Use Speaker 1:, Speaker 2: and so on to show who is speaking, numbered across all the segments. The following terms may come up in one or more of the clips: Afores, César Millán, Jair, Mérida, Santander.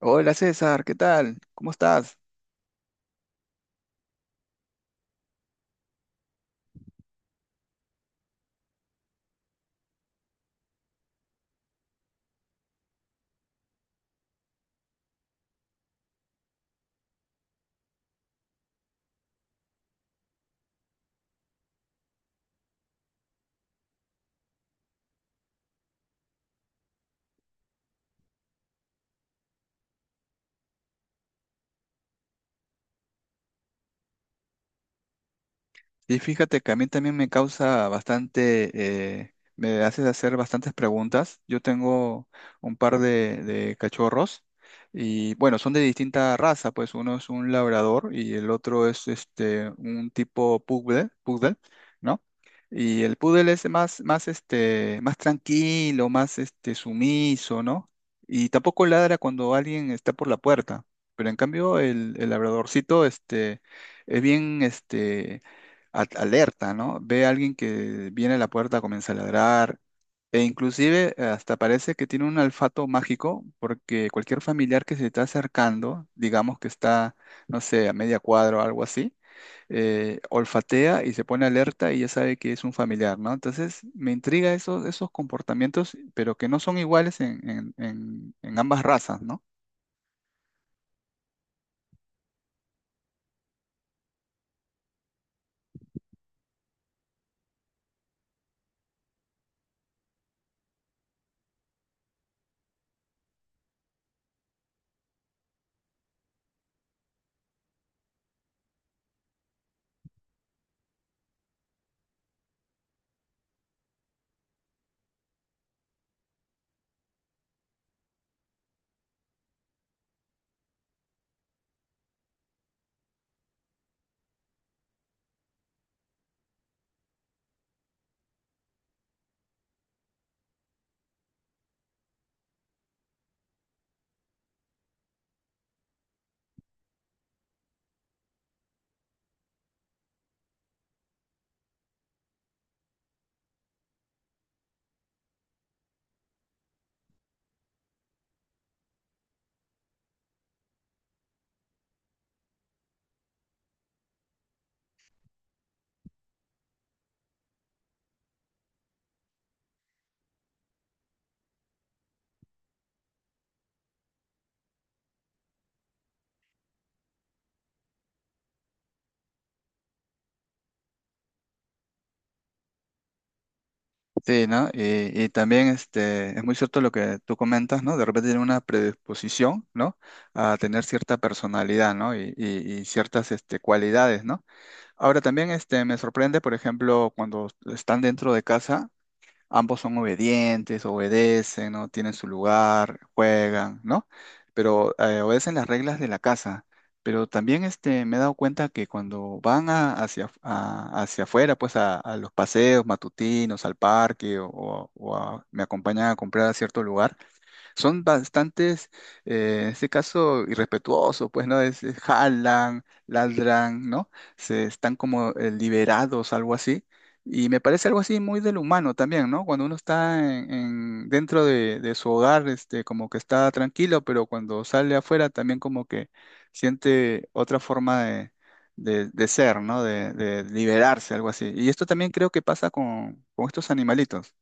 Speaker 1: Hola César, ¿qué tal? ¿Cómo estás? Y fíjate que a mí también me causa bastante, me haces hacer bastantes preguntas. Yo tengo un par de cachorros y bueno, son de distinta raza, pues uno es un labrador y el otro es este un tipo poodle, ¿no? Y el poodle es más este, más tranquilo, más este sumiso, ¿no? Y tampoco ladra cuando alguien está por la puerta. Pero en cambio el labradorcito este es bien este alerta, ¿no? Ve a alguien que viene a la puerta, comienza a ladrar, e inclusive hasta parece que tiene un olfato mágico, porque cualquier familiar que se está acercando, digamos que está, no sé, a media cuadra o algo así, olfatea y se pone alerta y ya sabe que es un familiar, ¿no? Entonces me intriga esos comportamientos, pero que no son iguales en, en ambas razas, ¿no? Sí, ¿no? Y también este, es muy cierto lo que tú comentas, ¿no? De repente tiene una predisposición, ¿no? A tener cierta personalidad, ¿no? Y, y ciertas este, cualidades, ¿no? Ahora también este, me sorprende, por ejemplo, cuando están dentro de casa ambos son obedientes, obedecen, ¿no? Tienen su lugar, juegan, ¿no? Pero obedecen las reglas de la casa. Pero también este, me he dado cuenta que cuando hacia, hacia afuera, pues a los paseos matutinos, al parque o, o me acompañan a comprar a cierto lugar, son bastantes, en este caso, irrespetuosos, pues, ¿no? Es jalan, ladran, ¿no? Se están como liberados, algo así. Y me parece algo así muy del humano también, ¿no? Cuando uno está en, dentro de su hogar, este, como que está tranquilo, pero cuando sale afuera también como que siente otra forma de, de ser, ¿no? De liberarse, algo así. Y esto también creo que pasa con estos animalitos.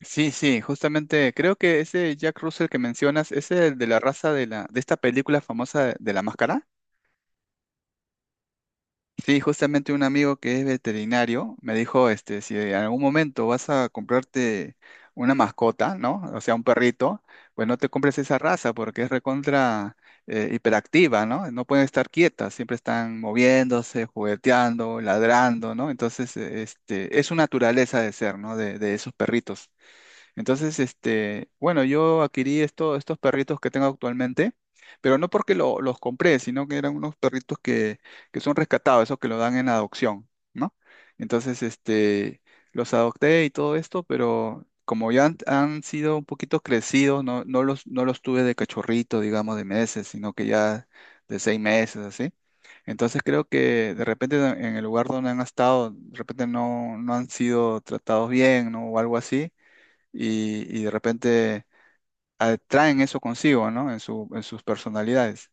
Speaker 1: Sí, sí, justamente creo que ese Jack Russell que mencionas es el de la raza de la de esta película famosa de la máscara. Sí, justamente un amigo que es veterinario me dijo, este, si en algún momento vas a comprarte una mascota, ¿no? O sea, un perrito, pues no te compres esa raza porque es recontra hiperactiva, ¿no? No pueden estar quietas, siempre están moviéndose, jugueteando, ladrando, ¿no? Entonces, este, es su naturaleza de ser, ¿no? De esos perritos. Entonces, este, bueno, yo adquirí estos perritos que tengo actualmente, pero no porque los compré, sino que eran unos perritos que son rescatados, esos que lo dan en adopción, ¿no? Entonces, este, los adopté y todo esto, pero como ya han sido un poquito crecidos, no, no los tuve de cachorrito, digamos, de meses, sino que ya de 6 meses, así. Entonces creo que de repente en el lugar donde han estado, de repente no, no han sido tratados bien, ¿no? O algo así y de repente atraen eso consigo, ¿no? En su, en sus personalidades.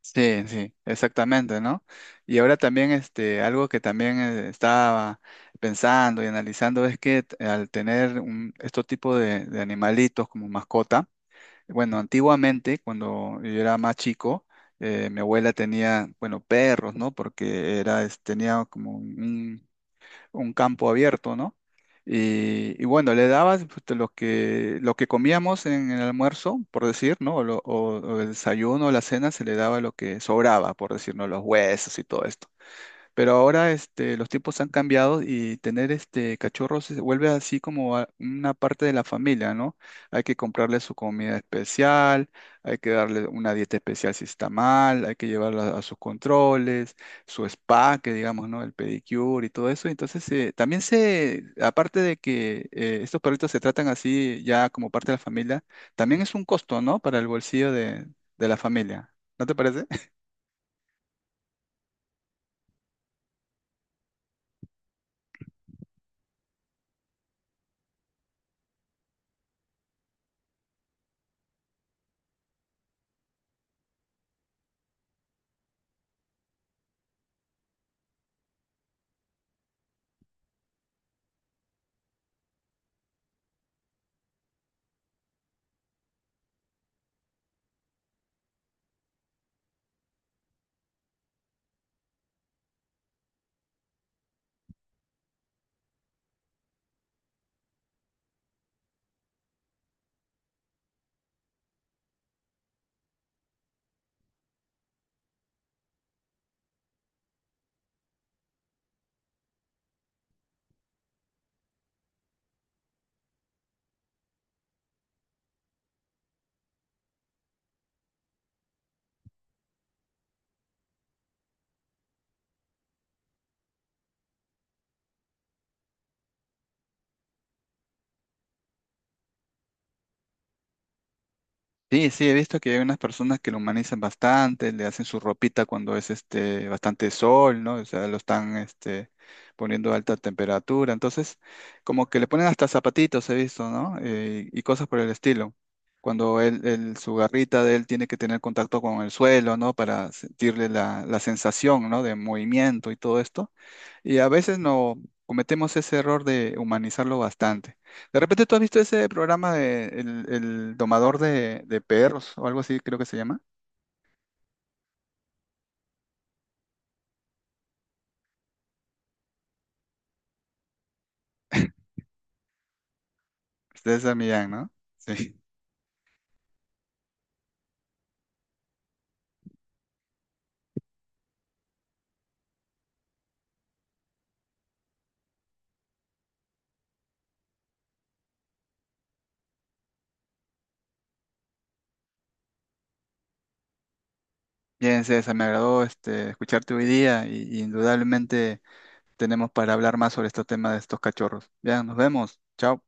Speaker 1: Sí, sí, exactamente, ¿no? Y ahora también este, algo que también estaba pensando y analizando es que al tener un, estos tipos de animalitos como mascota, bueno, antiguamente, cuando yo era más chico, mi abuela tenía, bueno, perros, ¿no? Porque era, tenía como un campo abierto, ¿no? Y bueno, le dabas pues, lo que comíamos en el almuerzo, por decir, ¿no? O, o el desayuno, la cena, se le daba lo que sobraba, por decir, ¿no? Los huesos y todo esto. Pero ahora este, los tiempos han cambiado y tener este cachorros se vuelve así como una parte de la familia, ¿no? Hay que comprarle su comida especial, hay que darle una dieta especial si está mal, hay que llevarla a sus controles, su spa, que digamos, ¿no? El pedicure y todo eso. Entonces, también se, aparte de que estos perritos se tratan así ya como parte de la familia, también es un costo, ¿no? Para el bolsillo de la familia. ¿No te parece? Sí, sí, he visto que hay unas personas que lo humanizan bastante, le hacen su ropita cuando es este bastante sol, ¿no? O sea, lo están este poniendo a alta temperatura. Entonces, como que le ponen hasta zapatitos, he visto, ¿no? Y cosas por el estilo. Cuando él, su garrita de él tiene que tener contacto con el suelo, ¿no? Para sentirle la, la sensación, ¿no? De movimiento y todo esto. Y a veces no cometemos ese error de humanizarlo bastante. De repente tú has visto ese programa de el domador de perros o algo así, creo que se llama. César Millán, ¿no? Sí. Bien, César, me agradó este, escucharte hoy día y indudablemente tenemos para hablar más sobre este tema de estos cachorros. Ya, nos vemos. Chao.